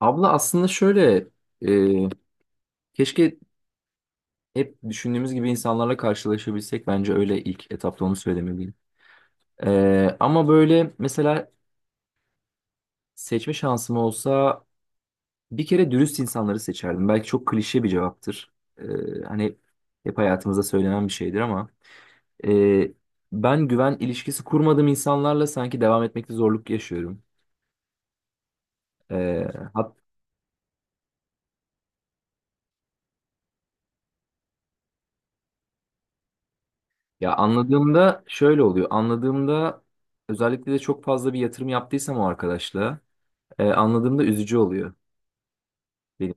Abla aslında şöyle e, keşke hep düşündüğümüz gibi insanlarla karşılaşabilsek bence öyle ilk etapta onu söylemeliyim. Ama böyle mesela seçme şansım olsa bir kere dürüst insanları seçerdim. Belki çok klişe bir cevaptır. E, Hani hep hayatımızda söylenen bir şeydir ama e, ben güven ilişkisi kurmadığım insanlarla sanki devam etmekte zorluk yaşıyorum. E, hat, ya anladığımda şöyle oluyor. Anladığımda özellikle de çok fazla bir yatırım yaptıysam o arkadaşla, anladığımda üzücü oluyor benim.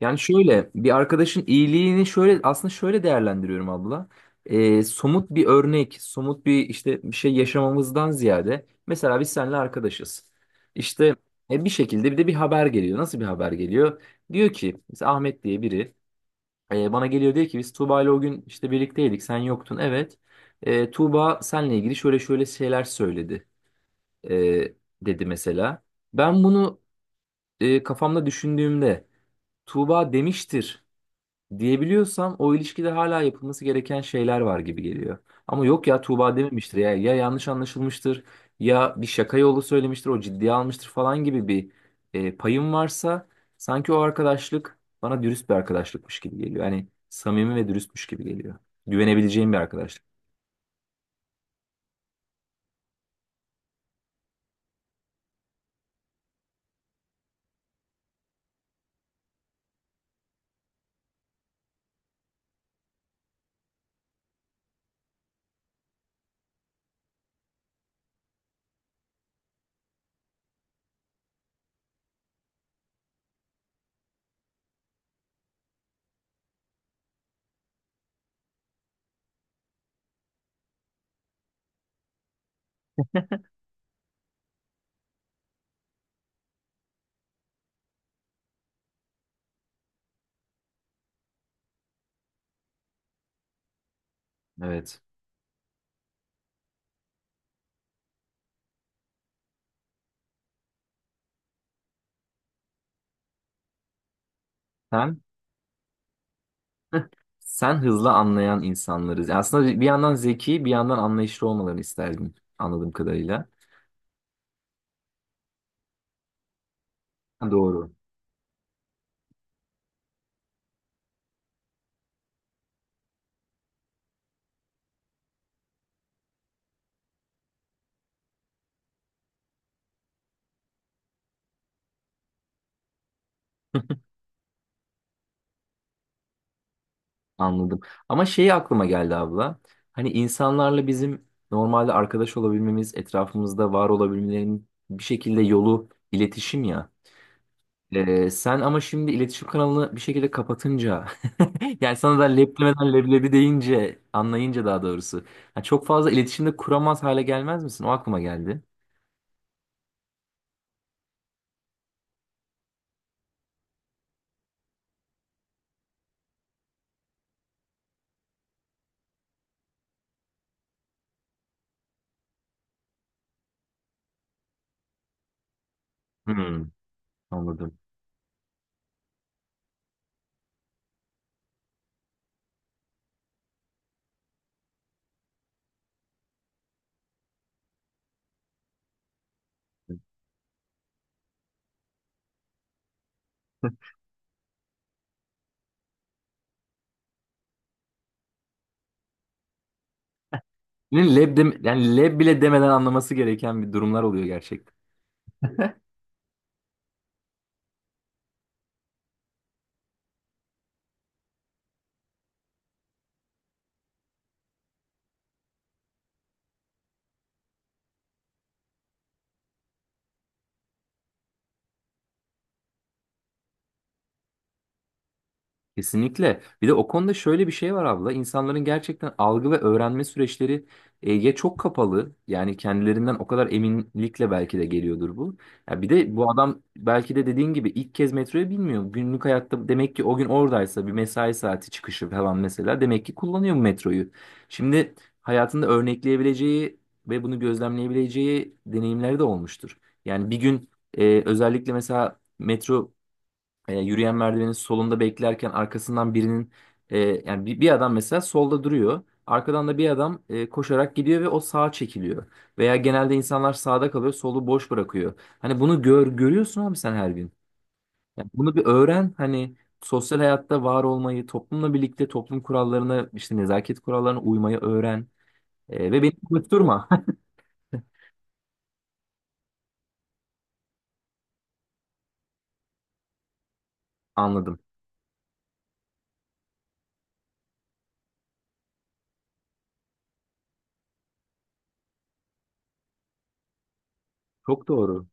Yani şöyle bir arkadaşın iyiliğini şöyle aslında şöyle değerlendiriyorum abla. Somut bir örnek, somut bir işte bir şey yaşamamızdan ziyade mesela biz seninle arkadaşız. İşte bir şekilde bir de bir haber geliyor. Nasıl bir haber geliyor? Diyor ki mesela Ahmet diye biri bana geliyor diyor ki biz Tuğba ile o gün işte birlikteydik sen yoktun evet. Tuğba seninle ilgili şöyle şöyle şeyler söyledi e, dedi mesela. Ben bunu kafamda düşündüğümde Tuğba demiştir diyebiliyorsam o ilişkide hala yapılması gereken şeyler var gibi geliyor. Ama yok ya Tuğba dememiştir ya, ya yanlış anlaşılmıştır ya bir şaka yolu söylemiştir o ciddiye almıştır falan gibi bir payım varsa sanki o arkadaşlık bana dürüst bir arkadaşlıkmış gibi geliyor. Yani samimi ve dürüstmüş gibi geliyor. Güvenebileceğim bir arkadaşlık. Evet. Sen? Sen hızlı anlayan insanlarız. Aslında bir yandan zeki, bir yandan anlayışlı olmalarını isterdim anladığım kadarıyla. Ha, doğru. Anladım. Ama şeyi aklıma geldi abla. Hani insanlarla bizim normalde arkadaş olabilmemiz, etrafımızda var olabilmelerinin bir şekilde yolu iletişim ya. Sen ama şimdi iletişim kanalını bir şekilde kapatınca yani sana da leblemeden leblebi deyince anlayınca daha doğrusu ha, çok fazla iletişimde kuramaz hale gelmez misin? O aklıma geldi. Hmm, anladım. Yani yani leb bile demeden anlaması gereken bir durumlar oluyor. Kesinlikle. Bir de o konuda şöyle bir şey var abla. İnsanların gerçekten algı ve öğrenme süreçleri ya çok kapalı. Yani kendilerinden o kadar eminlikle belki de geliyordur bu. Ya bir de bu adam belki de dediğin gibi ilk kez metroyu bilmiyor. Günlük hayatta demek ki o gün oradaysa bir mesai saati çıkışı falan mesela demek ki kullanıyor bu metroyu. Şimdi hayatında örnekleyebileceği ve bunu gözlemleyebileceği deneyimleri de olmuştur. Yani bir gün özellikle mesela metro yürüyen merdivenin solunda beklerken arkasından birinin, yani bir adam mesela solda duruyor. Arkadan da bir adam koşarak gidiyor ve o sağa çekiliyor. Veya genelde insanlar sağda kalıyor, solu boş bırakıyor. Hani bunu görüyorsun abi sen her gün. Yani bunu bir öğren, hani sosyal hayatta var olmayı, toplumla birlikte toplum kurallarına, işte nezaket kurallarına uymayı öğren. Ve beni unutturma. Anladım. Çok doğru.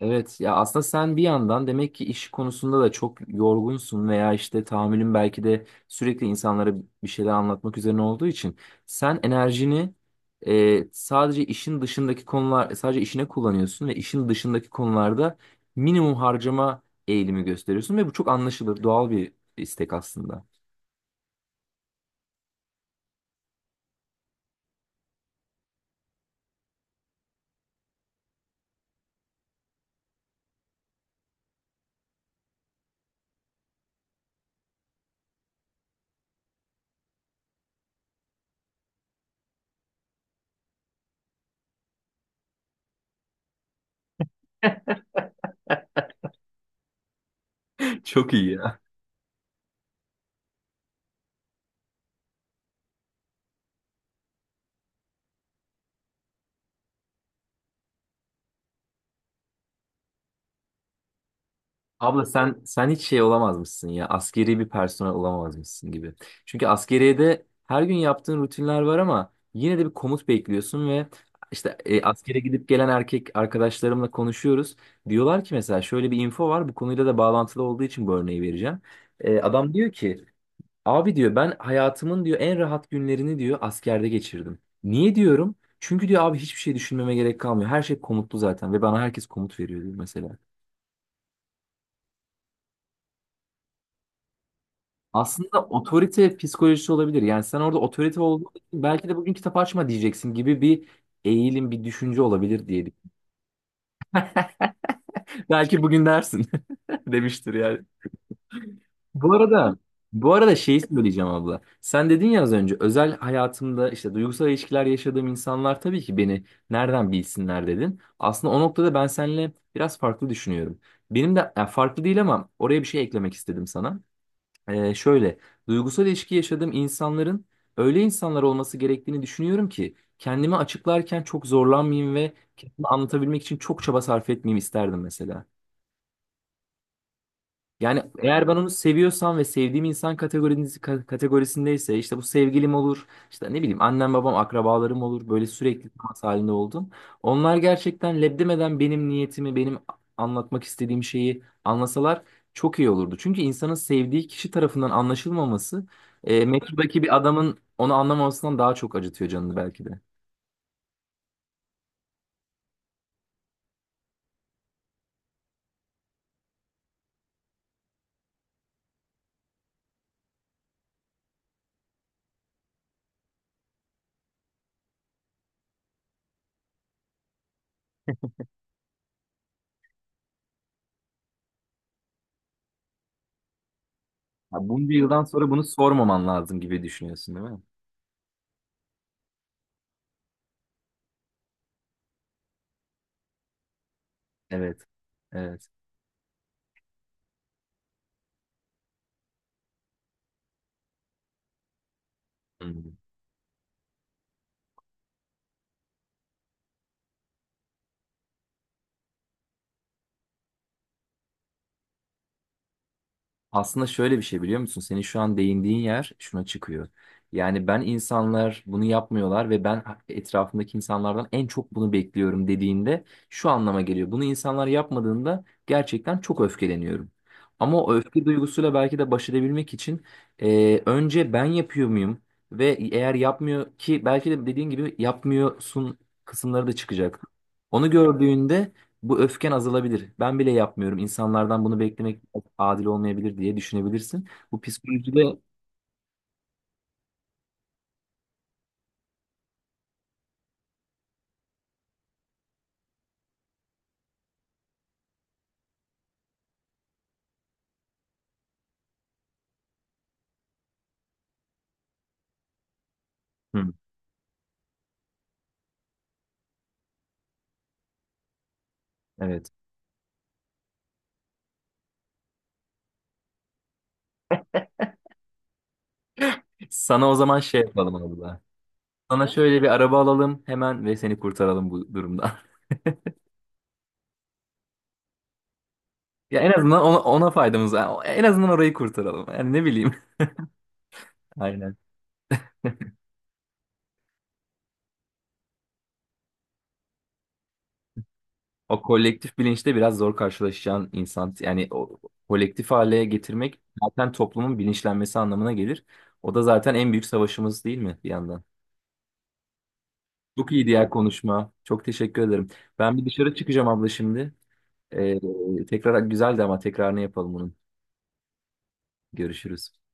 Evet ya, aslında sen bir yandan demek ki iş konusunda da çok yorgunsun veya işte tahammülün belki de sürekli insanlara bir şeyler anlatmak üzerine olduğu için sen enerjini sadece işine kullanıyorsun ve işin dışındaki konularda minimum harcama eğilimi gösteriyorsun ve bu çok anlaşılır doğal bir istek aslında. Çok iyi. Abla sen hiç şey olamazmışsın ya. Askeri bir personel olamazmışsın gibi. Çünkü askeriyede her gün yaptığın rutinler var ama yine de bir komut bekliyorsun ve işte askere gidip gelen erkek arkadaşlarımla konuşuyoruz. Diyorlar ki mesela şöyle bir info var. Bu konuyla da bağlantılı olduğu için bu örneği vereceğim. Adam diyor ki abi diyor ben hayatımın diyor en rahat günlerini diyor askerde geçirdim. Niye diyorum? Çünkü diyor abi hiçbir şey düşünmeme gerek kalmıyor. Her şey komutlu zaten ve bana herkes komut veriyor diyor mesela. Aslında otorite psikolojisi olabilir. Yani sen orada otorite olduğun için belki de bugün kitap açma diyeceksin gibi bir eğilim, bir düşünce olabilir diye. Belki bugün dersin demiştir yani. Bu arada bu arada şeyi söyleyeceğim abla. Sen dedin ya az önce özel hayatımda işte duygusal ilişkiler yaşadığım insanlar tabii ki beni nereden bilsinler dedin. Aslında o noktada ben seninle biraz farklı düşünüyorum. Benim de yani farklı değil ama oraya bir şey eklemek istedim sana. Ee, şöyle, duygusal ilişki yaşadığım insanların öyle insanlar olması gerektiğini düşünüyorum ki kendimi açıklarken çok zorlanmayayım ve kendimi anlatabilmek için çok çaba sarf etmeyeyim isterdim mesela. Yani eğer ben onu seviyorsam ve sevdiğim insan kategorisindeyse işte bu sevgilim olur, işte ne bileyim annem babam akrabalarım olur böyle sürekli temas halinde oldum. Onlar gerçekten lebdemeden benim niyetimi, benim anlatmak istediğim şeyi anlasalar çok iyi olurdu. Çünkü insanın sevdiği kişi tarafından anlaşılmaması, metrodaki bir adamın onu anlamamasından daha çok acıtıyor canını belki de. Ya bunca yıldan sonra bunu sormaman lazım gibi düşünüyorsun değil mi? Evet. Evet. Hı. Aslında şöyle bir şey biliyor musun? Senin şu an değindiğin yer şuna çıkıyor. Yani ben insanlar bunu yapmıyorlar ve ben etrafımdaki insanlardan en çok bunu bekliyorum dediğinde şu anlama geliyor. Bunu insanlar yapmadığında gerçekten çok öfkeleniyorum. Ama o öfke duygusuyla belki de baş edebilmek için önce ben yapıyor muyum? Ve eğer yapmıyor ki belki de dediğin gibi yapmıyorsun kısımları da çıkacak. Onu gördüğünde bu öfken azalabilir. Ben bile yapmıyorum. İnsanlardan bunu beklemek adil olmayabilir diye düşünebilirsin. Bu psikolojide. Hı, evet. Sana o zaman şey yapalım abla. Sana şöyle bir araba alalım hemen ve seni kurtaralım bu durumdan. Ya en azından ona faydamız var. En azından orayı kurtaralım. Yani ne bileyim. Aynen. O kolektif bilinçte biraz zor karşılaşacağın insan. Yani o kolektif hale getirmek zaten toplumun bilinçlenmesi anlamına gelir. O da zaten en büyük savaşımız değil mi bir yandan? Çok iyi diğer konuşma. Çok teşekkür ederim. Ben bir dışarı çıkacağım abla şimdi. Tekrar güzeldi ama tekrarını yapalım bunun. Görüşürüz.